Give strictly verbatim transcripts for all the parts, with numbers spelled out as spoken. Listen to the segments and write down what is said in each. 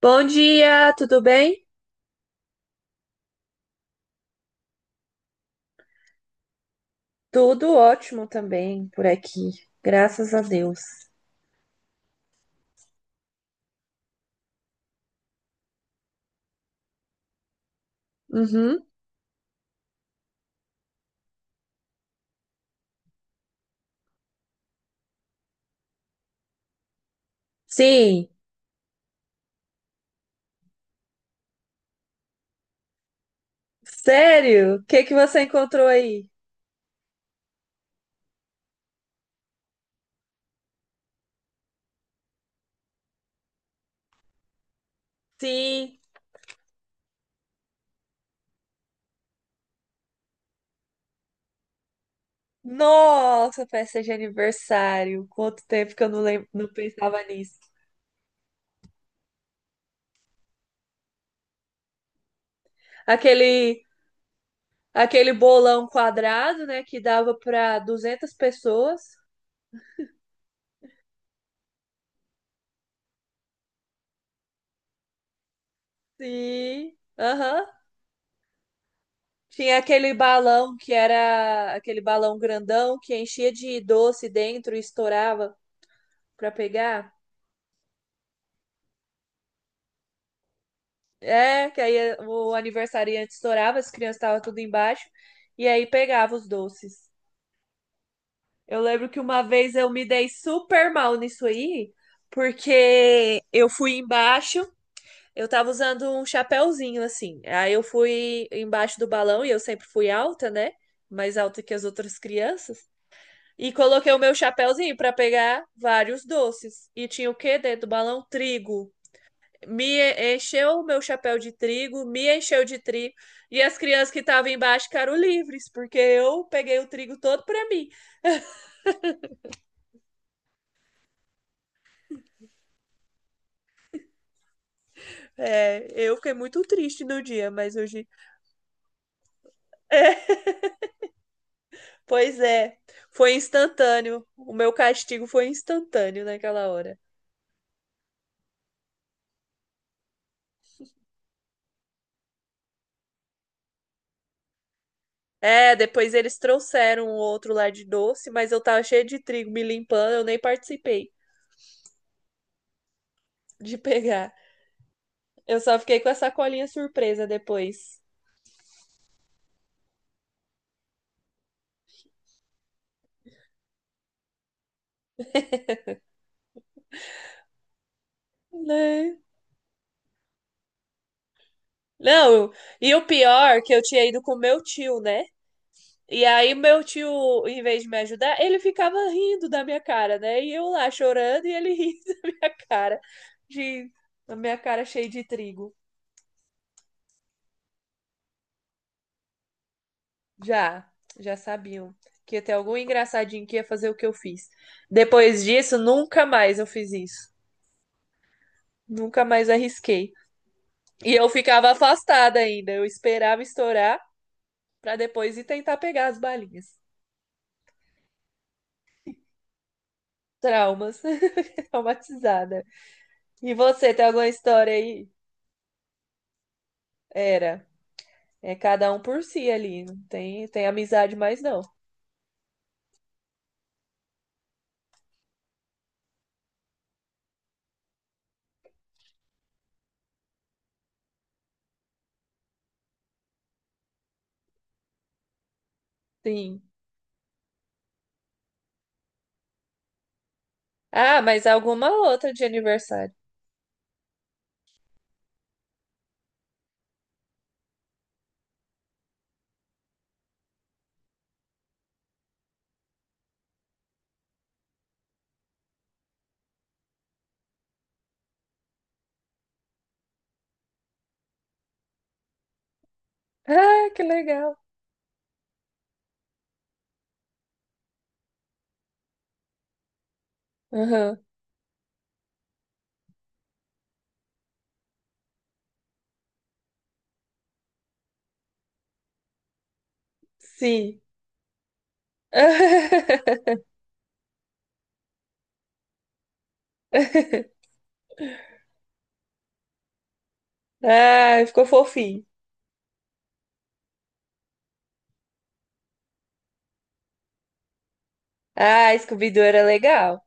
Bom dia, tudo bem? Tudo ótimo também por aqui, graças a Deus. Uhum. Sim, sério? O que que você encontrou aí? Sim, nossa, festa de aniversário. Quanto tempo que eu não lem- não pensava nisso. Aquele, aquele bolão quadrado, né, que dava para duzentas pessoas. Sim, aham. Tinha aquele balão que era aquele balão grandão que enchia de doce dentro e estourava para pegar. É, que aí o aniversariante estourava, as crianças estavam tudo embaixo, e aí pegava os doces. Eu lembro que uma vez eu me dei super mal nisso aí, porque eu fui embaixo, eu tava usando um chapéuzinho assim. Aí eu fui embaixo do balão e eu sempre fui alta, né? Mais alta que as outras crianças. E coloquei o meu chapéuzinho para pegar vários doces. E tinha o quê dentro do balão? Trigo. Me encheu o meu chapéu de trigo, me encheu de trigo, e as crianças que estavam embaixo ficaram livres, porque eu peguei o trigo todo para mim. É, eu fiquei muito triste no dia, mas hoje, pois é, foi instantâneo. O meu castigo foi instantâneo naquela hora. É, depois eles trouxeram um outro lá de doce, mas eu tava cheia de trigo me limpando, eu nem participei de pegar. Eu só fiquei com a sacolinha surpresa depois. Né? Não, e o pior que eu tinha ido com meu tio, né? E aí meu tio, em vez de me ajudar, ele ficava rindo da minha cara, né? E eu lá chorando e ele rindo da minha cara, de a minha cara cheia de trigo. Já, já sabiam que ia ter algum engraçadinho que ia fazer o que eu fiz. Depois disso, nunca mais eu fiz isso. Nunca mais arrisquei. E eu ficava afastada ainda. Eu esperava estourar pra depois ir tentar pegar as balinhas. Traumas. Traumatizada. E você, tem alguma história aí? Era. É cada um por si ali. Não tem, tem amizade mais não. Sim. Ah, mas alguma outra de aniversário. Ah, que legal. Aham. Sim. Ah, ficou fofinho. Ah, Scooby-Doo era legal.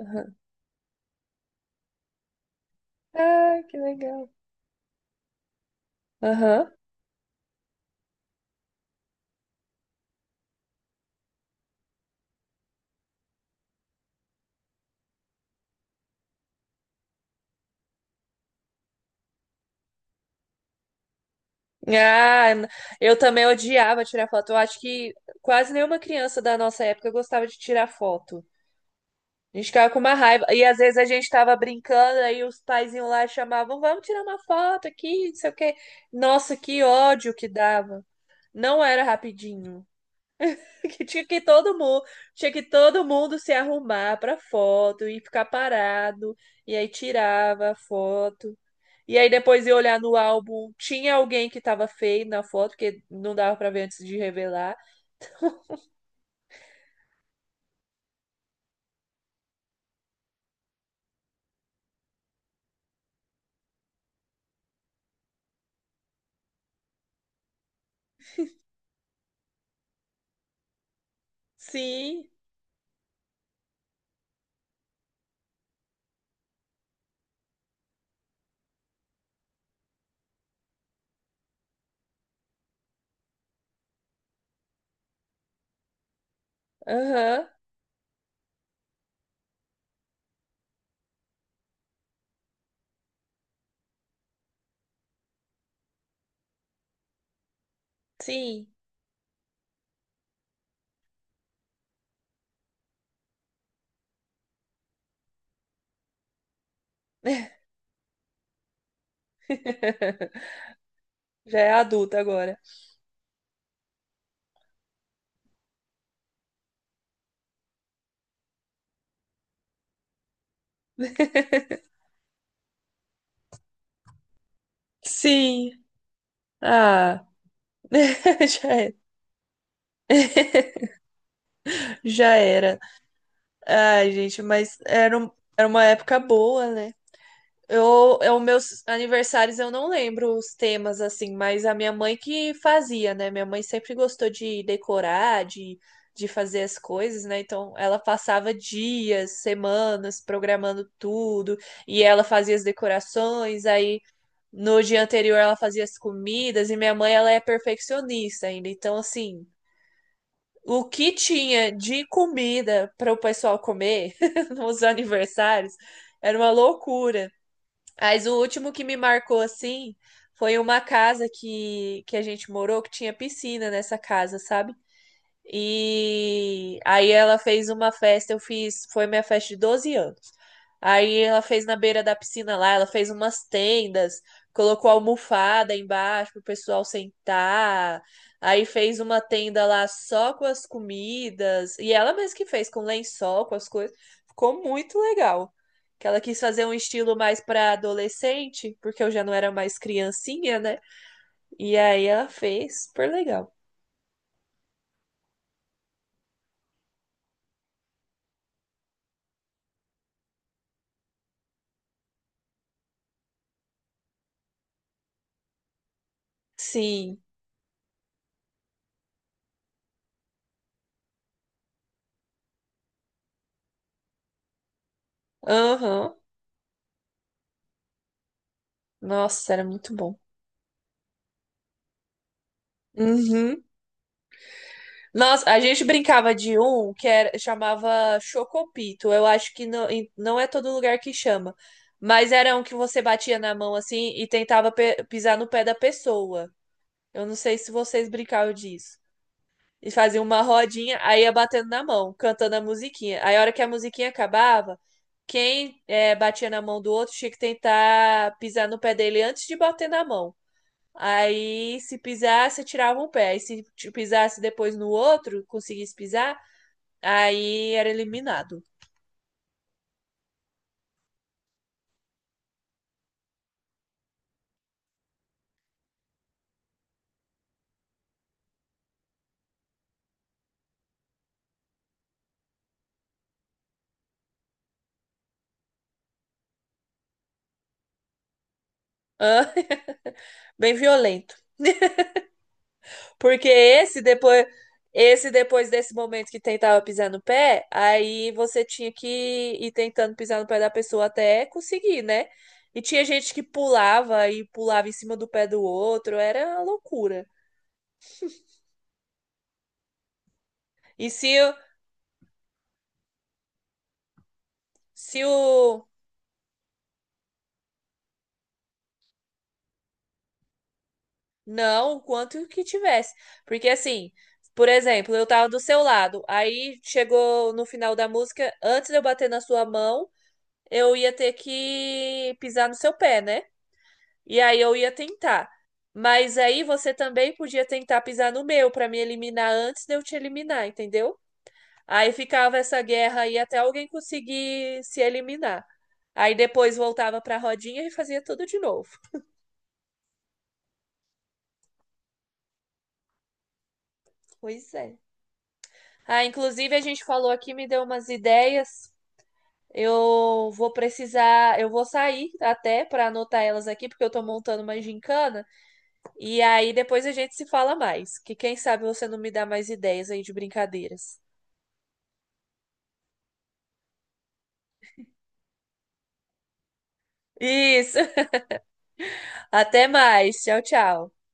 Aham. Ah, que legal. Aham. Ah, n- eu também odiava tirar foto. Eu acho que quase nenhuma criança da nossa época gostava de tirar foto. A gente ficava com uma raiva. E às vezes a gente tava brincando, aí os paizinhos lá chamavam, vamos tirar uma foto aqui, não sei o quê. Nossa, que ódio que dava. Não era rapidinho. Que tinha que todo mundo, tinha que todo mundo se arrumar pra foto e ficar parado. E aí tirava a foto. E aí depois ia olhar no álbum, tinha alguém que tava feio na foto, porque não dava pra ver antes de revelar. Sim, aham, sim. Já é adulta agora. Sim. Ah, já era. Já era. Ai, gente, mas era, um- era uma época boa, né? Eu, eu, meus aniversários eu não lembro os temas assim, mas a minha mãe que fazia, né? Minha mãe sempre gostou de decorar, de, de fazer as coisas, né? Então ela passava dias, semanas programando tudo e ela fazia as decorações. Aí no dia anterior ela fazia as comidas e minha mãe ela é perfeccionista ainda, então assim, o que tinha de comida para o pessoal comer nos aniversários era uma loucura. Mas o último que me marcou assim foi uma casa que, que a gente morou que tinha piscina nessa casa, sabe? E aí ela fez uma festa, eu fiz, foi minha festa de doze anos. Aí ela fez na beira da piscina lá, ela fez umas tendas, colocou almofada embaixo pro pessoal sentar. Aí fez uma tenda lá só com as comidas, e ela mesma que fez com lençol, com as coisas. Ficou muito legal. Que ela quis fazer um estilo mais para adolescente, porque eu já não era mais criancinha, né? E aí ela fez, super legal. Sim. Aham. Nossa, era muito bom. Uhum. Nossa, a gente brincava de um que era, chamava Chocopito. Eu acho que não, em- não é todo lugar que chama. Mas era um que você batia na mão assim e tentava pe- pisar no pé da pessoa. Eu não sei se vocês brincavam disso. E fazia uma rodinha, aí ia batendo na mão, cantando a musiquinha. Aí a hora que a musiquinha acabava, quem eh, batia na mão do outro tinha que tentar pisar no pé dele antes de bater na mão. Aí, se pisasse, tirava um pé. E se t- pisasse depois no outro, conseguisse pisar, aí era eliminado. Ah, bem violento. Porque esse depois, esse depois desse momento que tentava pisar no pé, aí você tinha que ir tentando pisar no pé da pessoa até conseguir, né? E tinha gente que pulava e pulava em cima do pé do outro, era uma loucura. E se, o- se o Não, o quanto que tivesse. Porque assim, por exemplo, eu tava do seu lado, aí chegou no final da música, antes de eu bater na sua mão, eu ia ter que pisar no seu pé, né? E aí eu ia tentar. Mas aí você também podia tentar pisar no meu pra me eliminar antes de eu te eliminar, entendeu? Aí ficava essa guerra aí até alguém conseguir se eliminar. Aí depois voltava pra rodinha e fazia tudo de novo. Pois é. Ah, inclusive a gente falou aqui, me deu umas ideias. Eu vou precisar, eu vou sair até para anotar elas aqui, porque eu tô montando uma gincana. E aí depois a gente se fala mais, que quem sabe você não me dá mais ideias aí de brincadeiras. Isso. Até mais. Tchau, tchau.